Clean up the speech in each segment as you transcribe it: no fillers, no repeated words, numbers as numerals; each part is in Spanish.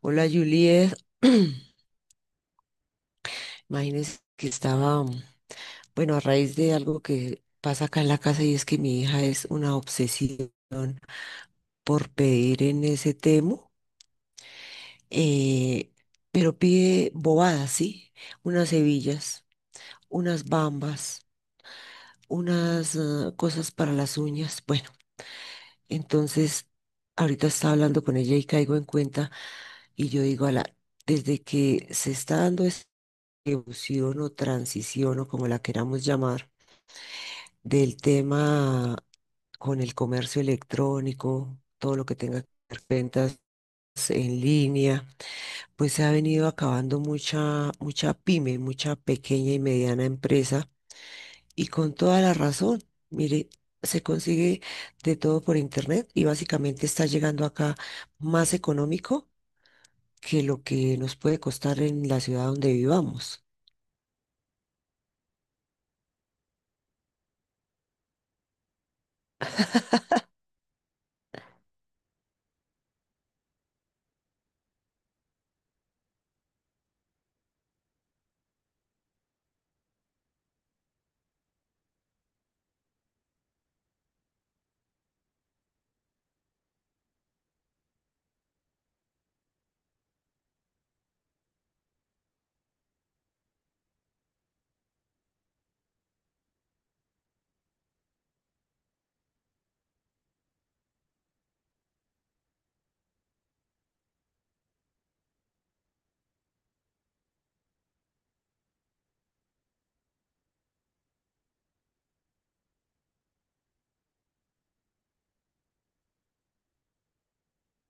Hola Juliet, imagínense que estaba, bueno, a raíz de algo que pasa acá en la casa y es que mi hija es una obsesiva por pedir en ese temo, eh, pero pide bobadas, ¿sí? Unas hebillas, unas bambas, unas cosas para las uñas. Bueno, entonces ahorita estaba hablando con ella y caigo en cuenta y yo digo, la desde que se está dando esta evolución o transición o como la queramos llamar, del tema con el comercio electrónico, todo lo que tenga que ver ventas en línea, pues se ha venido acabando mucha, mucha pyme, mucha pequeña y mediana empresa, y con toda la razón. Mire, se consigue de todo por internet y básicamente está llegando acá más económico que lo que nos puede costar en la ciudad donde vivamos.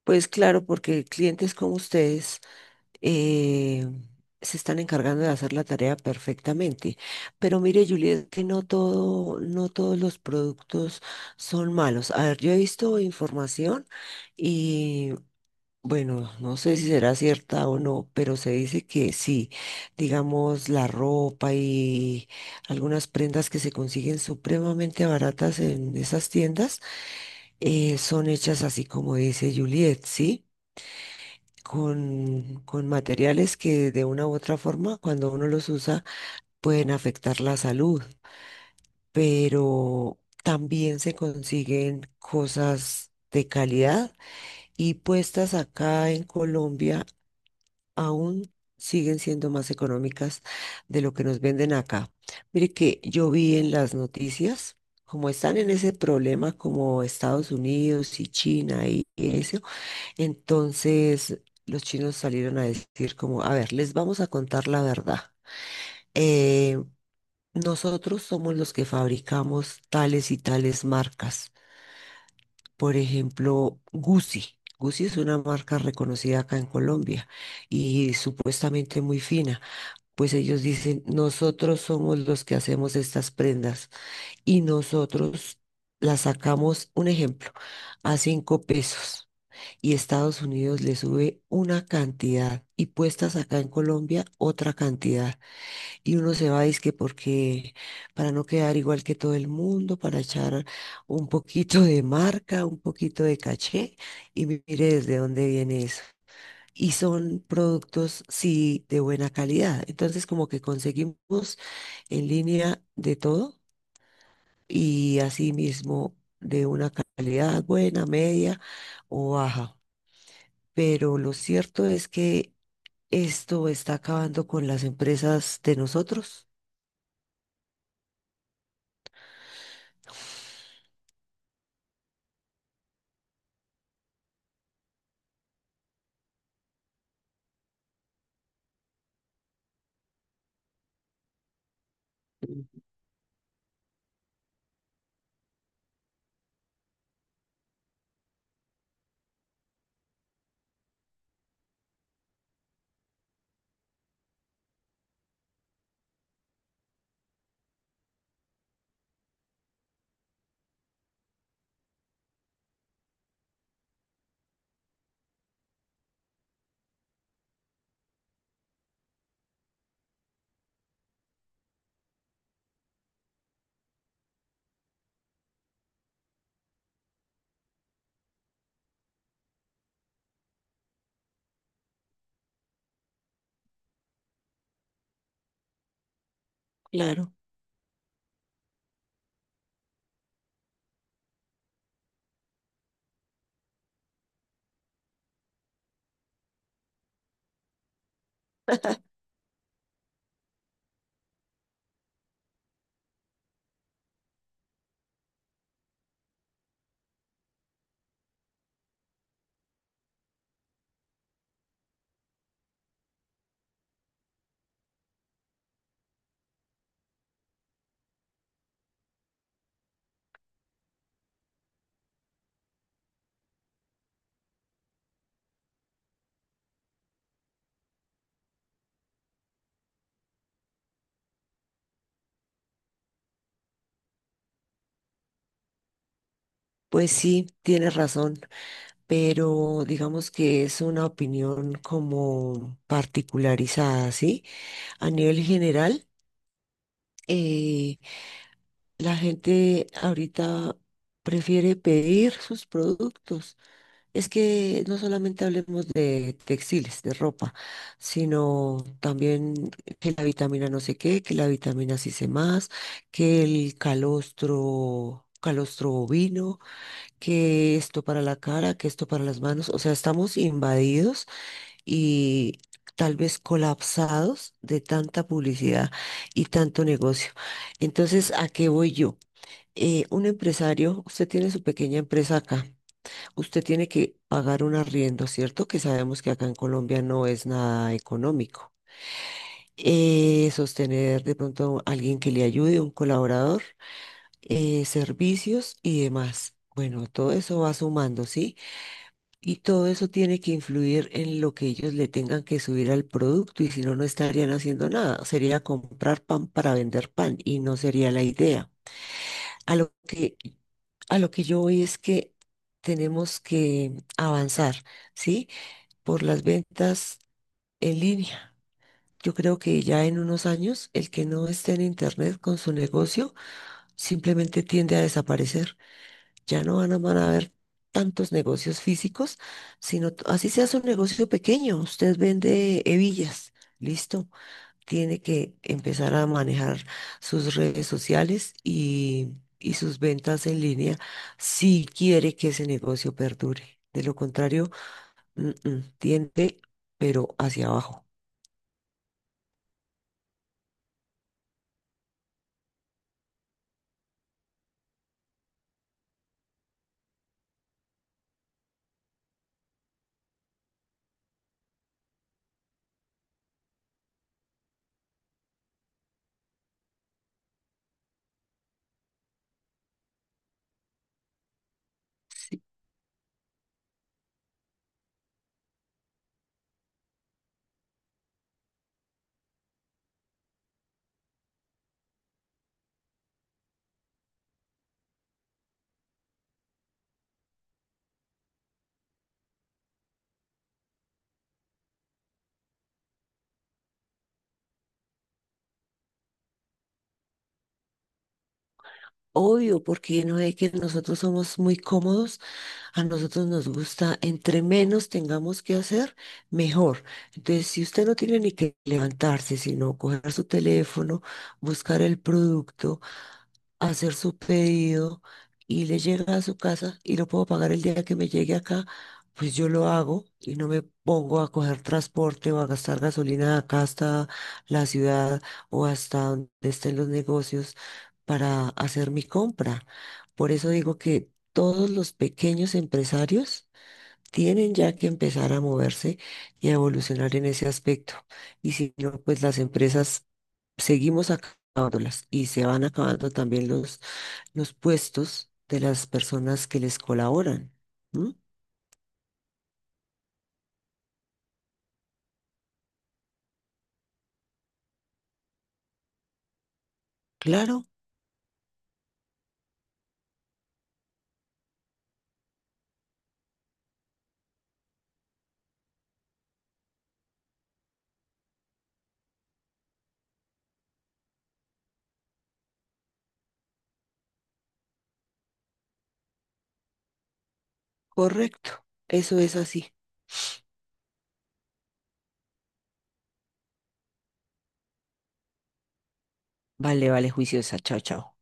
Pues claro, porque clientes como ustedes eh, se están encargando de hacer la tarea perfectamente. Pero mire, Juliet, que no todo, no todos los productos son malos. A ver, yo he visto información y bueno, no sé si será cierta o no, pero se dice que sí, digamos, la ropa y algunas prendas que se consiguen supremamente baratas en esas tiendas son hechas así como dice Juliet, ¿sí? Con materiales que de una u otra forma, cuando uno los usa, pueden afectar la salud, pero también se consiguen cosas de calidad y puestas acá en Colombia aún siguen siendo más económicas de lo que nos venden acá. Mire que yo vi en las noticias, como están en ese problema como Estados Unidos y China y eso, entonces los chinos salieron a decir como, a ver, les vamos a contar la verdad. Eh, Nosotros somos los que fabricamos tales y tales marcas. Por ejemplo, Gucci. Gucci es una marca reconocida acá en Colombia y supuestamente muy fina. Pues ellos dicen, nosotros somos los que hacemos estas prendas y nosotros las sacamos, un ejemplo, a cinco pesos y Estados Unidos le sube una cantidad y puestas acá en Colombia otra cantidad. Y uno se va, es que porque para no quedar igual que todo el mundo, para echar un poquito de marca, un poquito de caché y mire desde dónde viene eso. Y son productos, sí, de buena calidad. Entonces, como que conseguimos en línea de todo y así mismo de una calidad buena, media o baja, pero lo cierto es que esto está acabando con las empresas de nosotros. Mm. Claro. Pues sí, tienes razón, pero digamos que es una opinión como particularizada, ¿sí? A nivel general, eh, la gente ahorita prefiere pedir sus productos. Es que no solamente hablemos de textiles, de ropa, sino también que la vitamina no sé qué, que la vitamina sí sé más, que el calostro, calostro bovino, que esto para la cara, que esto para las manos. O sea, estamos invadidos y tal vez colapsados de tanta publicidad y tanto negocio. Entonces, ¿a qué voy yo? Un empresario, usted tiene su pequeña empresa acá, usted tiene que pagar un arriendo, ¿cierto? Que sabemos que acá en Colombia no es nada económico. Sostener de pronto a alguien que le ayude, un colaborador, servicios y demás. Bueno, todo eso va sumando, ¿sí? Y todo eso tiene que influir en lo que ellos le tengan que subir al producto y si no, no estarían haciendo nada. Sería comprar pan para vender pan y no sería la idea. A lo que, a lo que yo voy es que tenemos que avanzar, ¿sí? Por las ventas en línea. Yo creo que ya en unos años el que no esté en Internet con su negocio simplemente tiende a desaparecer. Ya no van a, van a haber tantos negocios físicos, sino así sea un negocio pequeño. Usted vende hebillas, listo. Tiene que empezar a manejar sus redes sociales y sus ventas en línea si quiere que ese negocio perdure. De lo contrario, tiende, pero hacia abajo. Sí. Obvio, porque no es que nosotros somos muy cómodos, a nosotros nos gusta, entre menos tengamos que hacer, mejor. Entonces, si usted no tiene ni que levantarse, sino coger su teléfono, buscar el producto, hacer su pedido y le llega a su casa y lo puedo pagar el día que me llegue acá, pues yo lo hago y no me pongo a coger transporte o a gastar gasolina acá hasta la ciudad o hasta donde estén los negocios para hacer mi compra. Por eso digo que todos los pequeños empresarios tienen ya que empezar a moverse y a evolucionar en ese aspecto. Y si no, pues las empresas seguimos acabándolas y se van acabando también los puestos de las personas que les colaboran. ¿No? Claro, correcto. Eso es así. Vale, vale, juiciosa. Chao, chao.